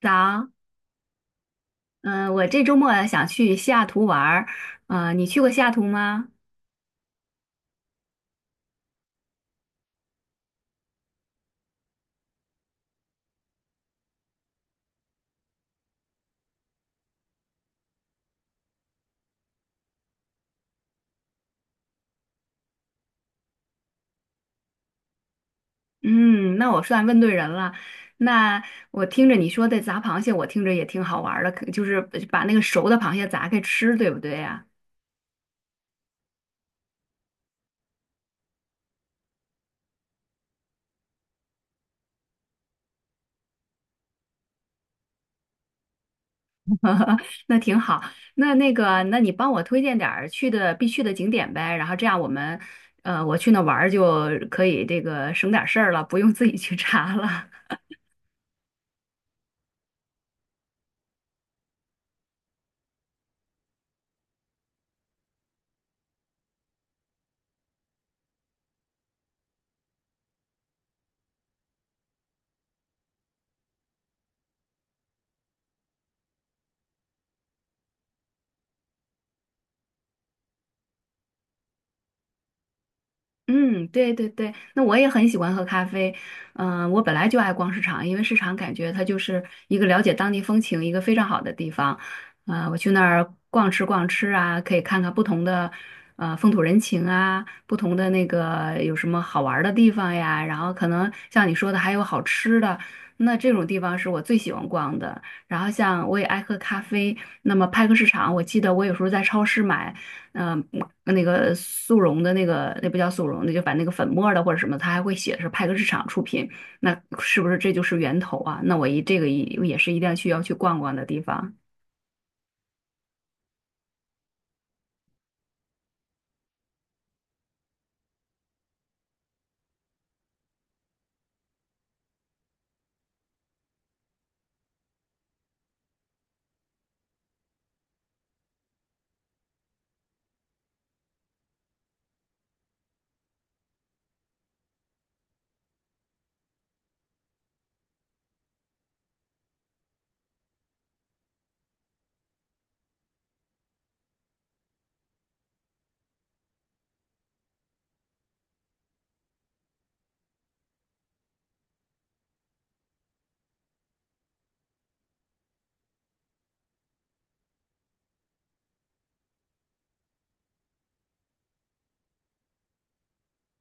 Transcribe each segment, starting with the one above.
早。嗯、我这周末想去西雅图玩儿。你去过西雅图吗？嗯，那我算问对人了。那我听着你说的砸螃蟹，我听着也挺好玩儿的，可就是把那个熟的螃蟹砸开吃，对不对呀？那挺好。那你帮我推荐点儿去的必去的景点呗，然后这样我们，我去那玩儿就可以这个省点儿事儿了，不用自己去查了。嗯，对对对，那我也很喜欢喝咖啡。我本来就爱逛市场，因为市场感觉它就是一个了解当地风情一个非常好的地方。我去那儿逛吃逛吃啊，可以看看不同的风土人情啊，不同的那个有什么好玩儿的地方呀。然后可能像你说的还有好吃的，那这种地方是我最喜欢逛的。然后像我也爱喝咖啡，那么派克市场，我记得我有时候在超市买。嗯、那个速溶的那个那不叫速溶，那就反正那个粉末儿的或者什么，它还会写是派克市场出品，那是不是这就是源头啊？那我一这个一也是一定要去要去逛逛的地方。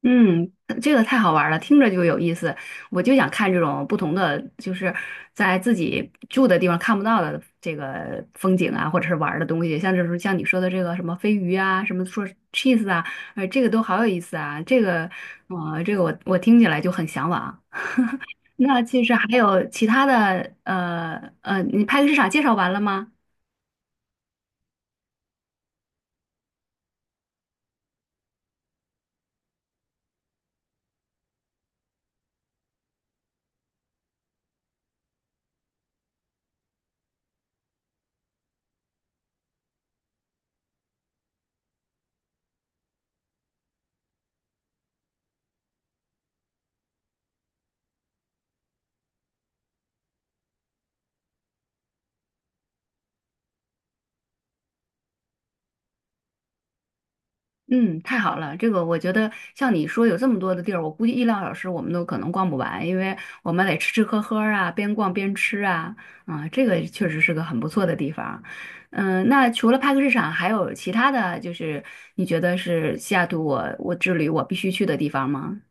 嗯，这个太好玩儿了，听着就有意思。我就想看这种不同的，就是在自己住的地方看不到的这个风景啊，或者是玩儿的东西。像这时候像你说的这个什么飞鱼啊，什么说 cheese 啊，哎，这个都好有意思啊。这个，这个我听起来就很向往。那其实还有其他的，你派对市场介绍完了吗？嗯，太好了，这个我觉得像你说有这么多的地儿，我估计一两个小时我们都可能逛不完，因为我们得吃吃喝喝啊，边逛边吃啊。这个确实是个很不错的地方。那除了派克市场，还有其他的就是你觉得是西雅图我之旅我必须去的地方吗？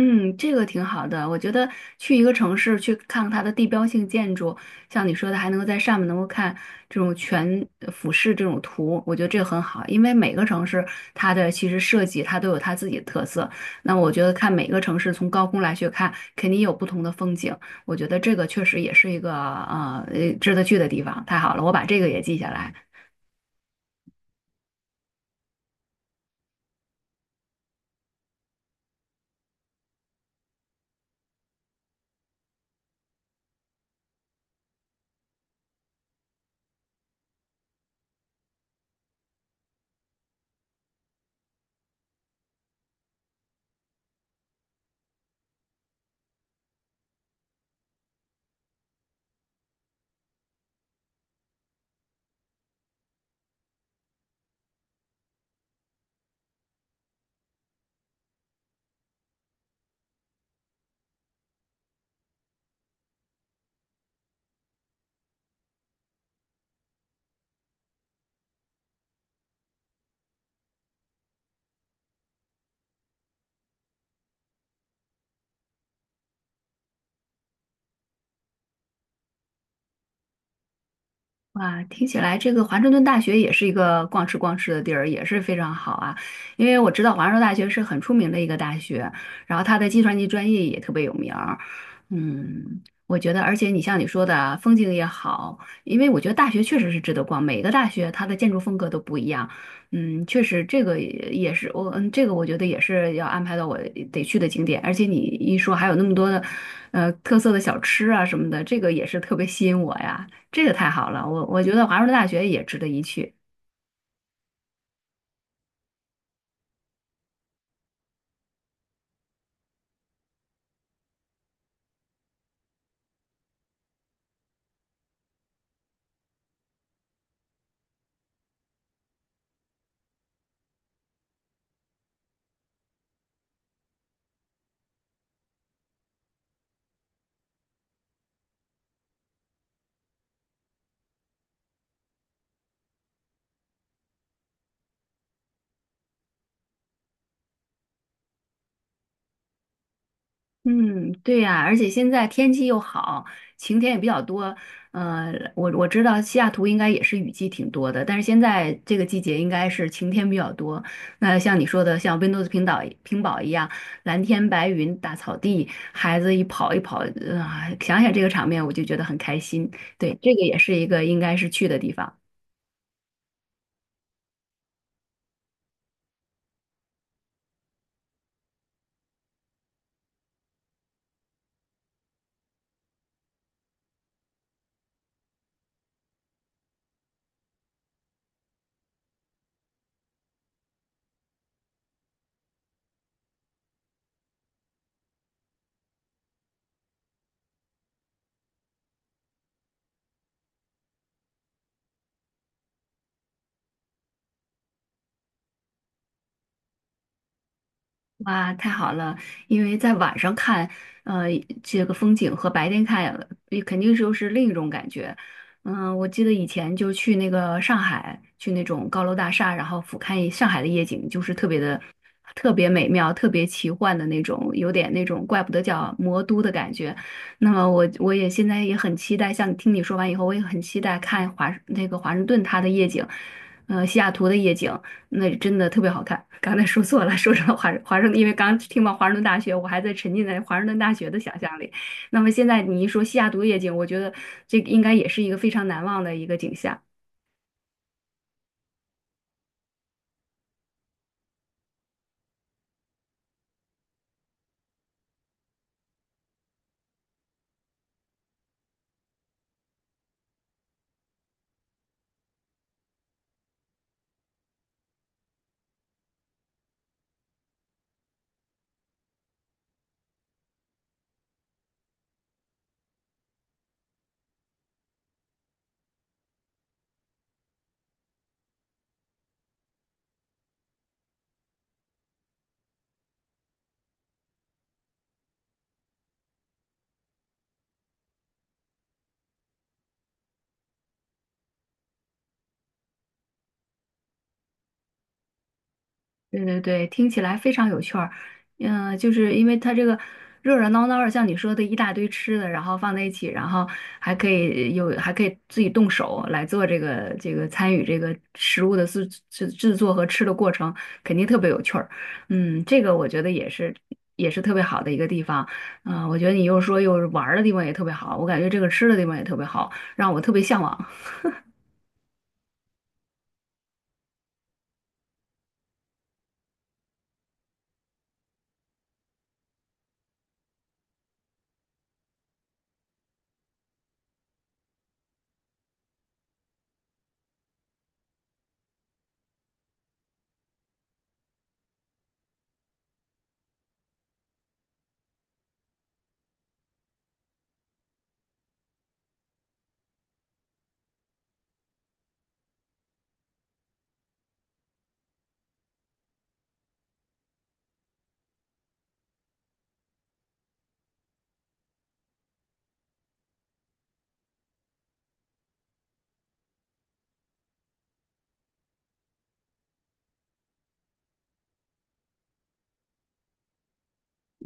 嗯，这个挺好的。我觉得去一个城市去看它的地标性建筑，像你说的，还能够在上面能够看这种全俯视这种图，我觉得这个很好。因为每个城市它的其实设计它都有它自己的特色。那我觉得看每个城市从高空来去看，肯定有不同的风景。我觉得这个确实也是一个值得去的地方。太好了，我把这个也记下来。哇，听起来这个华盛顿大学也是一个逛吃逛吃的地儿，也是非常好啊。因为我知道华盛顿大学是很出名的一个大学，然后它的计算机专业也特别有名儿。嗯，我觉得，而且你像你说的啊，风景也好，因为我觉得大学确实是值得逛，每个大学它的建筑风格都不一样。嗯，确实这个也也是我，嗯，这个我觉得也是要安排到我得去的景点。而且你一说还有那么多的，特色的小吃啊什么的，这个也是特别吸引我呀。这个太好了，我觉得华盛顿大学也值得一去。嗯，对呀，而且现在天气又好，晴天也比较多。我知道西雅图应该也是雨季挺多的，但是现在这个季节应该是晴天比较多。那像你说的，像温哥斯平岛平堡一样，蓝天白云、大草地，孩子一跑，想想这个场面，我就觉得很开心。对，这个也是一个应该是去的地方。哇，太好了！因为在晚上看，呃，这个风景和白天看，也肯定是又是另一种感觉。嗯，我记得以前就去那个上海，去那种高楼大厦，然后俯瞰上海的夜景，就是特别的、特别美妙、特别奇幻的那种，有点那种怪不得叫魔都的感觉。那么我也现在也很期待，像听你说完以后，我也很期待看那个华盛顿它的夜景，西雅图的夜景，那真的特别好看。刚才说错了，说成了华盛顿，因为刚听到华盛顿大学，我还在沉浸在华盛顿大学的想象里。那么现在你一说西雅图夜景，我觉得这个应该也是一个非常难忘的一个景象。对对对，听起来非常有趣儿。就是因为它这个热热闹闹的，像你说的一大堆吃的，然后放在一起，然后还可以有，还可以自己动手来做这个参与这个食物的制作和吃的过程，肯定特别有趣儿。嗯，这个我觉得也是特别好的一个地方。我觉得你又说又玩儿的地方也特别好，我感觉这个吃的地方也特别好，让我特别向往。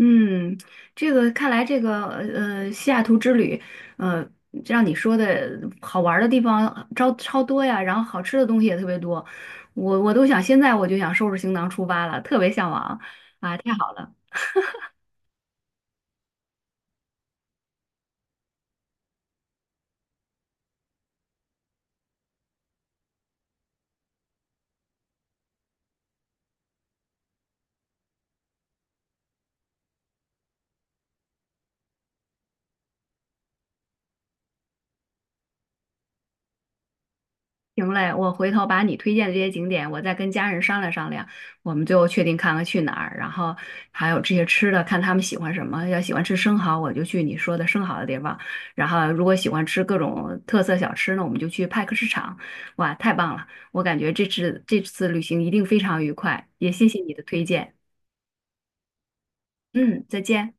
嗯，这个看来这个西雅图之旅，呃，让你说的好玩儿的地方超超多呀，然后好吃的东西也特别多，我都想现在我就想收拾行囊出发了，特别向往啊，太好了。行嘞，我回头把你推荐的这些景点，我再跟家人商量商量，我们最后确定看看去哪儿，然后还有这些吃的，看他们喜欢什么。要喜欢吃生蚝，我就去你说的生蚝的地方；然后如果喜欢吃各种特色小吃呢，我们就去派克市场。哇，太棒了！我感觉这次旅行一定非常愉快，也谢谢你的推荐。嗯，再见。